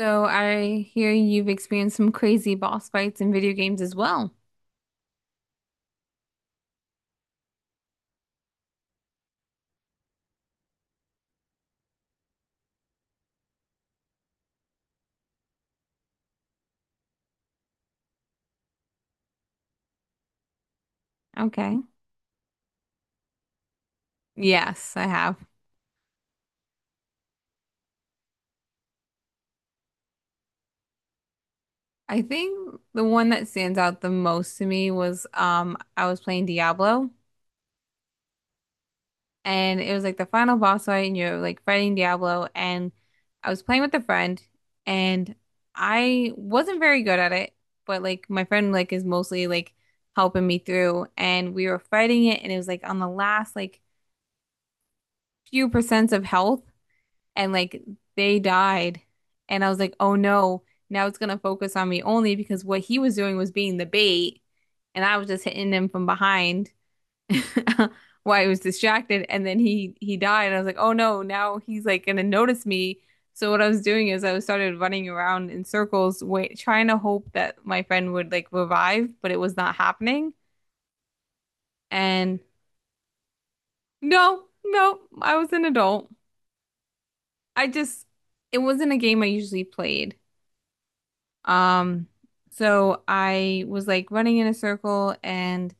So I hear you've experienced some crazy boss fights in video games as well. Okay. Yes, I have. I think the one that stands out the most to me was I was playing Diablo, and it was like the final boss fight and you're like fighting Diablo. And I was playing with a friend, and I wasn't very good at it, but like my friend like is mostly like helping me through, and we were fighting it and it was like on the last like few percents of health, and like they died. And I was like, oh no, now it's gonna focus on me only because what he was doing was being the bait, and I was just hitting him from behind while I was distracted. And then he died. And I was like, oh no, now he's like gonna notice me. So what I was doing is I started running around in circles, wait, trying to hope that my friend would like revive, but it was not happening. And no, no, I was an adult. I just it wasn't a game I usually played. Um, so I was like running in a circle, and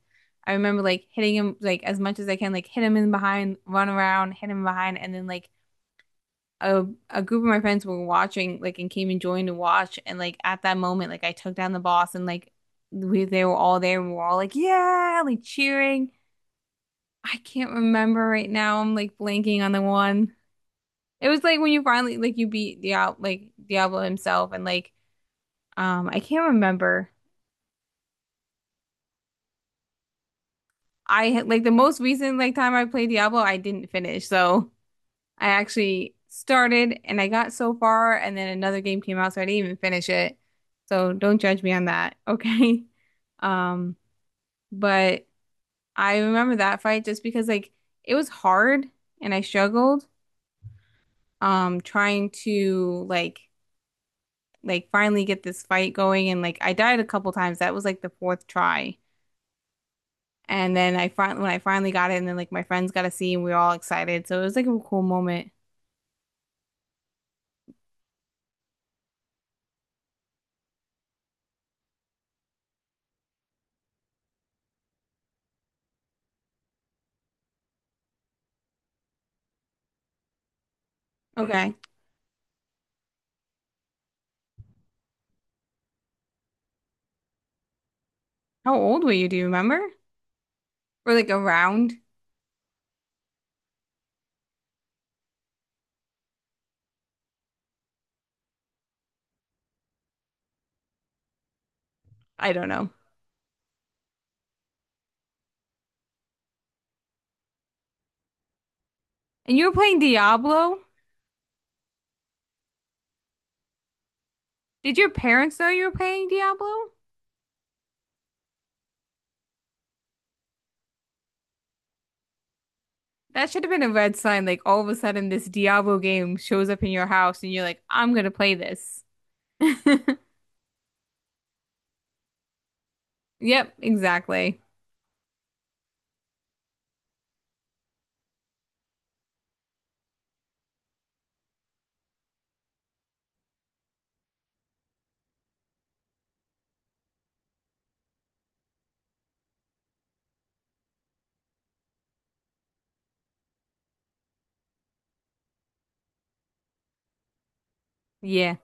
I remember like hitting him like as much as I can, like hit him in behind, run around, hit him behind, and then like a a group of my friends were watching like and came and joined to watch, and like at that moment like I took down the boss and like we they were all there and we were all like yeah like cheering. I can't remember right now. I'm like blanking on the one. It was like when you finally like you beat Diablo like Diablo himself and like I can't remember. I had like the most recent like time I played Diablo, I didn't finish. So I actually started and I got so far, and then another game came out, so I didn't even finish it. So don't judge me on that, okay? Um, but I remember that fight just because like it was hard and I struggled trying to like finally get this fight going, and like I died a couple times. That was like the fourth try. And then I fin when I finally got it, and then like my friends got to see, and we were all excited. So it was like a cool moment. Okay. How old were you? Do you remember? Or like around? I don't know. And you were playing Diablo? Did your parents know you were playing Diablo? That should have been a red sign. Like all of a sudden, this Diablo game shows up in your house, and you're like, "I'm gonna play this." Yep, exactly. Yeah.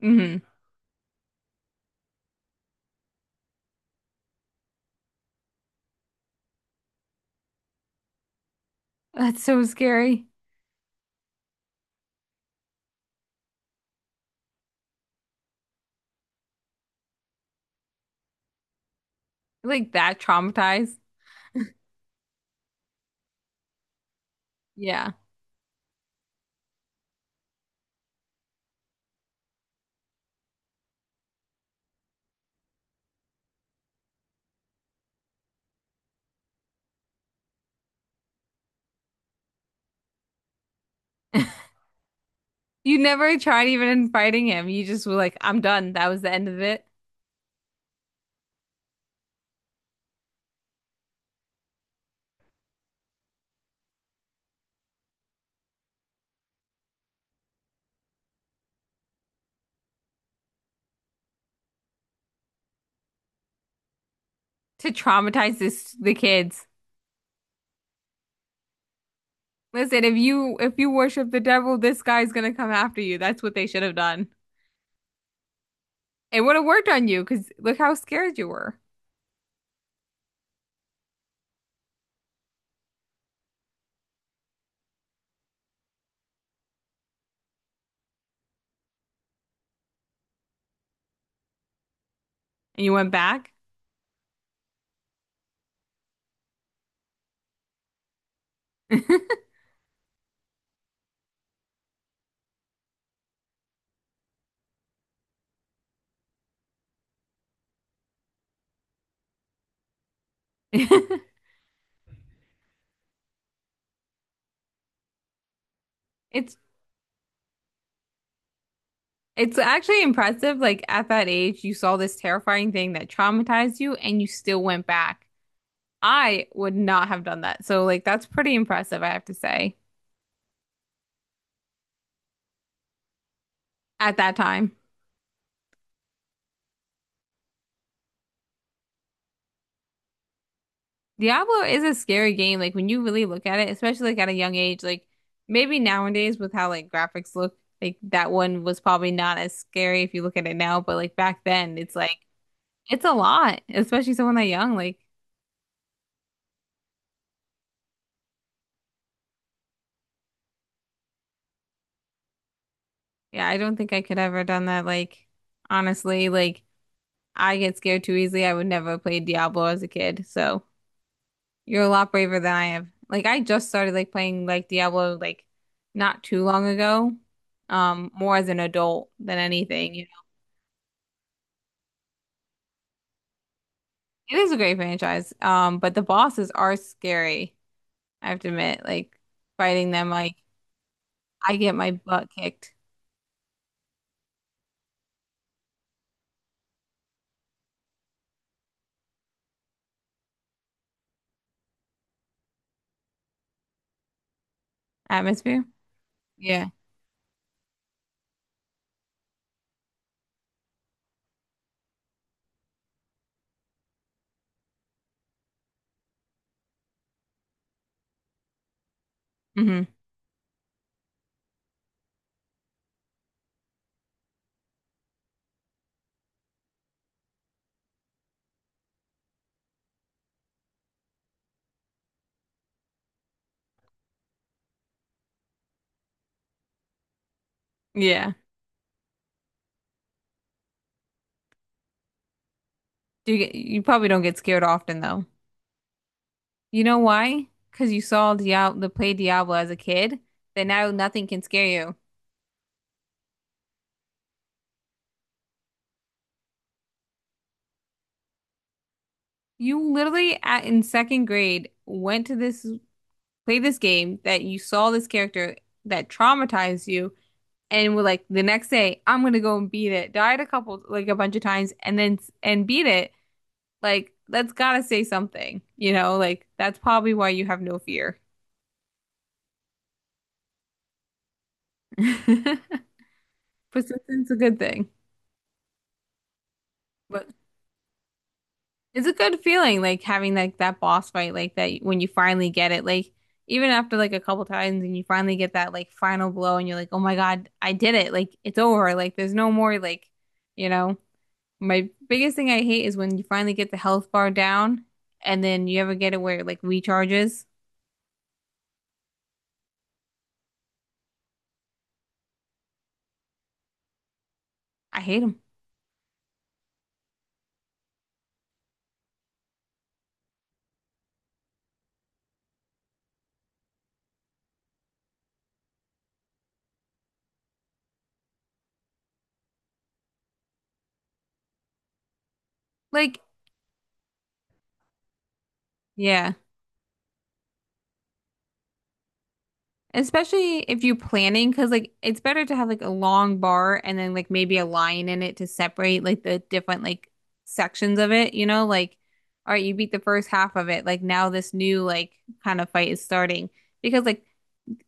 Hmm. That's so scary. Like that traumatized. Yeah. You never tried even fighting him. You just were like, "I'm done." That was the end of it. To traumatize this the kids. Listen, if you worship the devil, this guy's gonna come after you. That's what they should have done. It would have worked on you because look how scared you were, and you went back. It's it's actually impressive. Like at that age, you saw this terrifying thing that traumatized you and you still went back. I would not have done that. So like that's pretty impressive, I have to say, at that time. Diablo is a scary game. Like when you really look at it, especially like at a young age, like maybe nowadays with how like graphics look, like that one was probably not as scary if you look at it now, but like back then it's like it's a lot, especially someone that young. Like, yeah, I don't think I could ever done that, like honestly, like I get scared too easily. I would never play Diablo as a kid. So you're a lot braver than I am. Like I just started like playing like Diablo like not too long ago. More as an adult than anything, you know. It is a great franchise. But the bosses are scary, I have to admit. Like fighting them, like I get my butt kicked. Atmosphere? Yeah. Hmm. Yeah. Do you get, you probably don't get scared often though. You know why? Because you saw Diablo, the play Diablo as a kid, that now nothing can scare you. You literally at, in second grade went to this play this game that you saw this character that traumatized you and were like the next day I'm gonna go and beat it. Died a couple like a bunch of times and then and beat it. Like that's gotta say something, you know? Like that's probably why you have no fear. Persistence is a good thing. But it's a good feeling, like having like that boss fight, like that when you finally get it, like even after like a couple times and you finally get that like final blow and you're like, oh my God, I did it. Like it's over. Like there's no more like, you know, my biggest thing I hate is when you finally get the health bar down and then you ever get it where it like recharges. I hate them. Like, yeah. Especially if you're planning, because like it's better to have like a long bar and then like maybe a line in it to separate like the different like sections of it, you know? Like, all right, you beat the first half of it. Like now this new like kind of fight is starting. Because like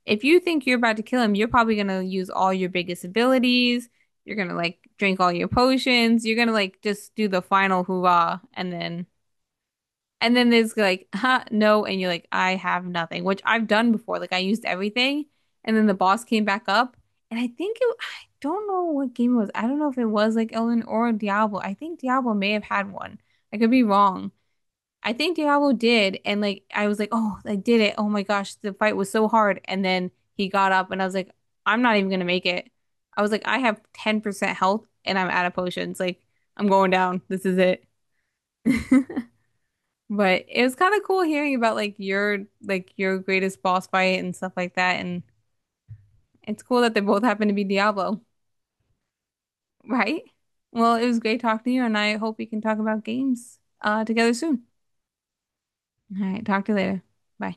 if you think you're about to kill him, you're probably gonna use all your biggest abilities. You're gonna like drink all your potions. You're gonna like just do the final hoorah, and then there's like, huh, no. And you're like, I have nothing, which I've done before. Like I used everything. And then the boss came back up. And I think it, I don't know what game it was. I don't know if it was like Ellen or Diablo. I think Diablo may have had one. I could be wrong. I think Diablo did. And like, I was like, oh, I did it. Oh my gosh, the fight was so hard. And then he got up and I was like, I'm not even gonna make it. I was like, I have 10% health and I'm out of potions. Like, I'm going down. This is it. But it was kind of cool hearing about like your greatest boss fight and stuff like that. And it's cool that they both happen to be Diablo, right? Well, it was great talking to you, and I hope we can talk about games together soon. All right, talk to you later. Bye.